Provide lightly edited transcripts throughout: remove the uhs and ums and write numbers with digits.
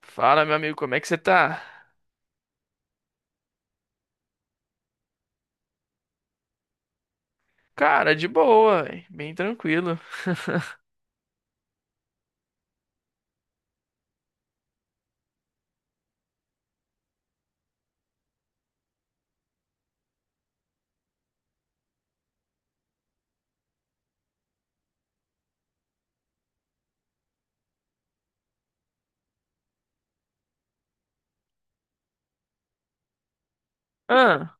Fala, meu amigo, como é que você tá? Cara, de boa, véi, bem tranquilo. Ah,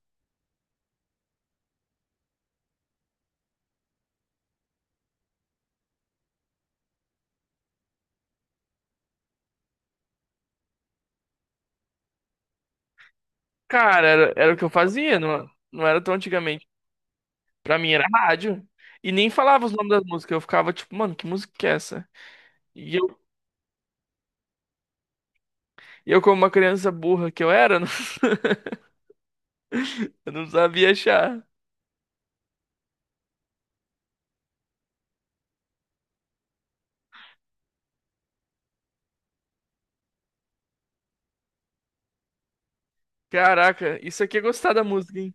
cara, era o que eu fazia, não, não era tão antigamente. Pra mim era rádio. E nem falava os nomes das músicas, eu ficava tipo, mano, que música que é essa? E eu, e eu como uma criança burra que eu era, eu não sabia achar. Caraca, isso aqui é gostar da música, hein?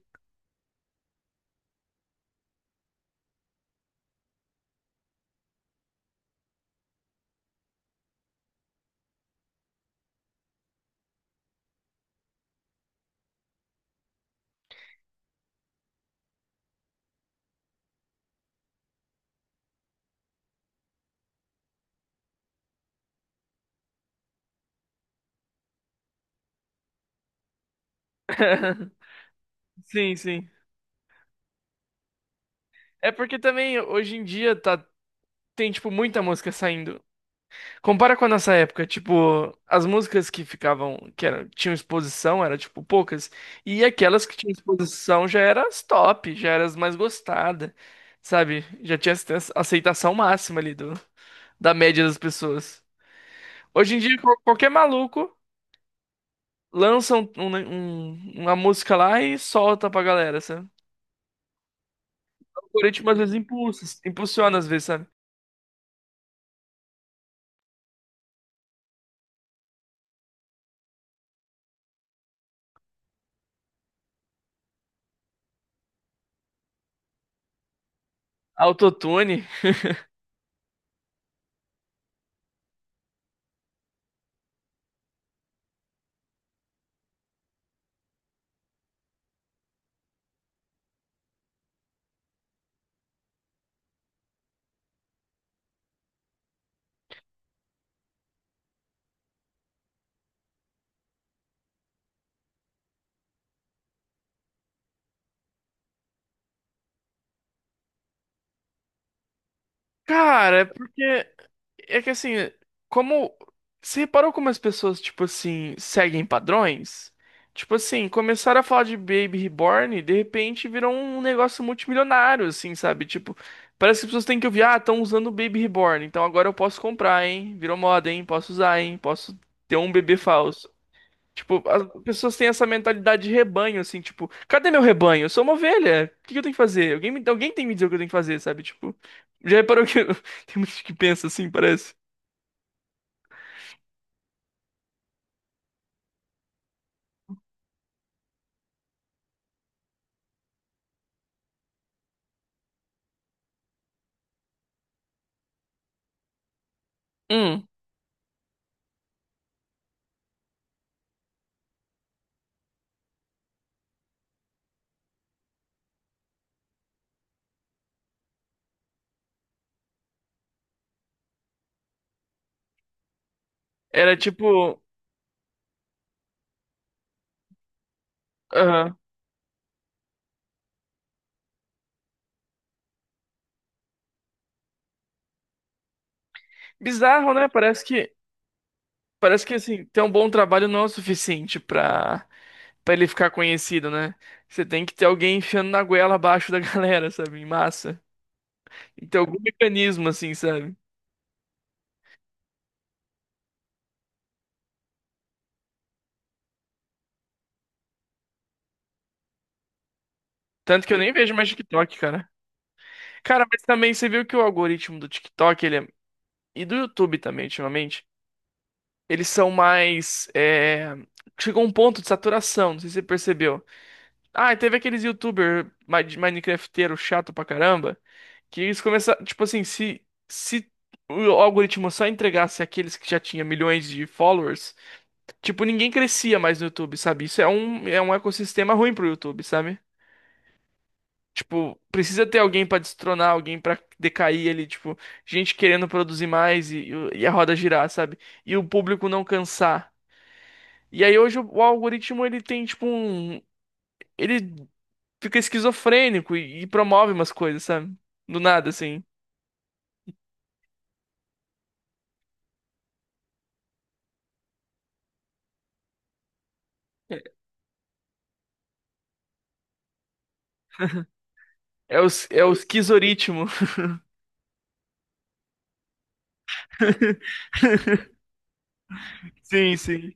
Sim, sim. É porque também hoje em dia tá, tem, tipo, muita música saindo. Compara com a nossa época, tipo, as músicas que ficavam, que eram, tinham exposição, era tipo poucas, e aquelas que tinham exposição já eram as top, já eram as mais gostadas, sabe? Já tinha aceitação máxima ali do, da média das pessoas. Hoje em dia, qualquer maluco lança uma música lá e solta pra galera, sabe? O algoritmo às vezes impulsiona às vezes, sabe? Autotune. Cara, é porque É que assim, como. Você reparou como as pessoas, tipo assim, seguem padrões? Tipo assim, começaram a falar de Baby Reborn e de repente virou um negócio multimilionário, assim, sabe? Tipo, parece que as pessoas têm que ouvir, ah, estão usando o Baby Reborn, então agora eu posso comprar, hein? Virou moda, hein? Posso usar, hein? Posso ter um bebê falso. Tipo, as pessoas têm essa mentalidade de rebanho, assim, tipo, cadê meu rebanho? Eu sou uma ovelha. O que que eu tenho que fazer? Alguém tem que me dizer o que eu tenho que fazer, sabe? Tipo, já reparou que tem muita gente que pensa assim, parece? Hum, era tipo, aham. Bizarro, né? Parece que assim, ter um bom trabalho não é o suficiente pra para ele ficar conhecido, né? Você tem que ter alguém enfiando na goela abaixo da galera, sabe? Em massa. Tem que ter algum mecanismo assim, sabe? Tanto que eu nem vejo mais TikTok, cara. Cara, mas também você viu que o algoritmo do TikTok, ele é... E do YouTube também, ultimamente, eles são mais é... Chegou a um ponto de saturação, não sei se você percebeu. Ah, e teve aqueles de Minecrafteiro chato pra caramba, que eles começaram, tipo assim, se o algoritmo só entregasse aqueles que já tinha milhões de followers, tipo, ninguém crescia mais no YouTube, sabe? Isso é um ecossistema ruim pro YouTube, sabe? Tipo, precisa ter alguém pra destronar, alguém pra decair ali, tipo, gente querendo produzir mais e a roda girar, sabe? E o público não cansar. E aí hoje o algoritmo ele tem tipo um ele fica esquizofrênico e promove umas coisas, sabe? Do nada, assim. É o esquizoritmo. Sim, sim.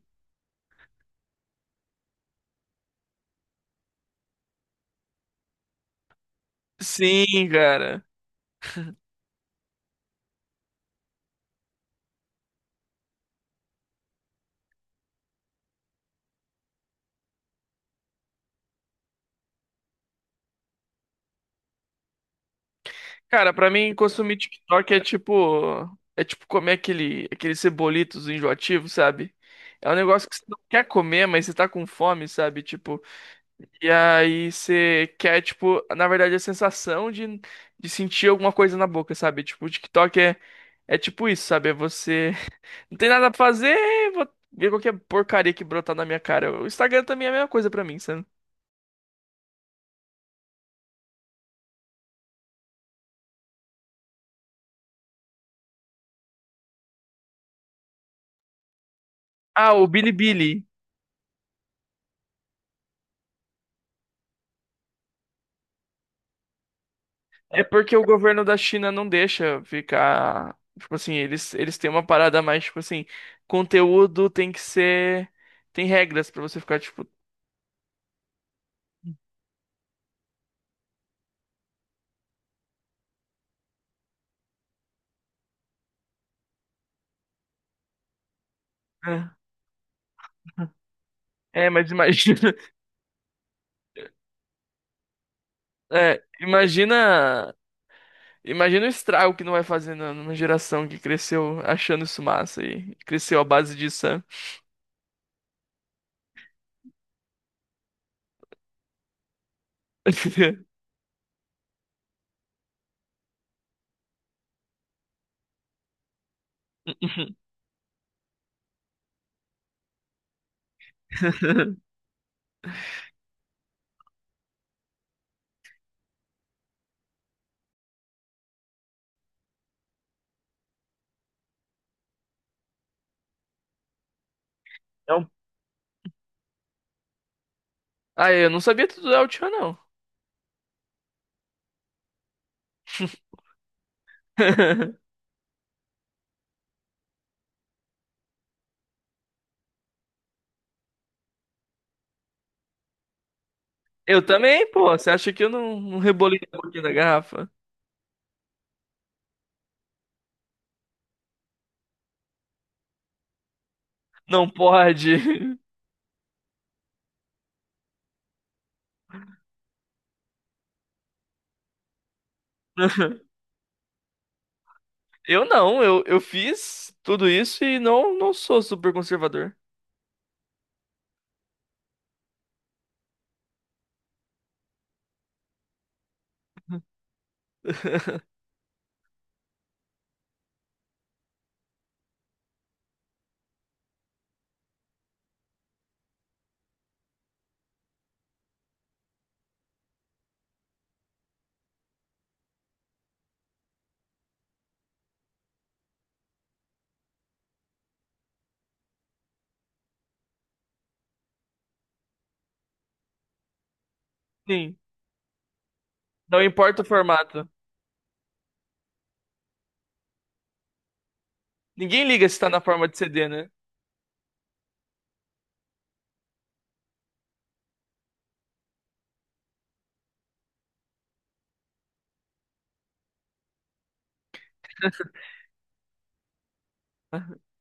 Sim, cara. Cara, pra mim, consumir TikTok é tipo. É tipo comer aquele, aqueles cebolitos enjoativos, sabe? É um negócio que você não quer comer, mas você tá com fome, sabe? Tipo, e aí você quer, tipo, na verdade, a sensação de sentir alguma coisa na boca, sabe? Tipo, o TikTok é, é tipo isso, sabe? É você. Não tem nada pra fazer, vou ver qualquer porcaria que brotar na minha cara. O Instagram também é a mesma coisa pra mim, sabe? Ah, o Bilibili. É porque o governo da China não deixa ficar. Tipo assim, eles têm uma parada mais, tipo assim, conteúdo tem que ser. Tem regras pra você ficar, tipo. É, é, mas imagina. É, imagina. Imagina o estrago que não vai fazer numa geração que cresceu achando isso massa e cresceu à base disso, sabe? Ah, eu não sabia tudo da Altian, não. Eu também, pô. Você acha que eu não rebolei um pouquinho da garrafa? Não pode. Eu não, eu fiz tudo isso e não sou super conservador. Sim, não importa o formato. Ninguém liga se tá na forma de CD, né?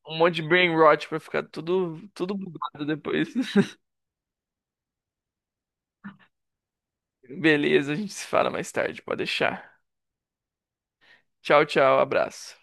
Um monte de brain rot pra ficar tudo, tudo bugado depois. Beleza, a gente se fala mais tarde, pode deixar. Tchau, tchau, abraço.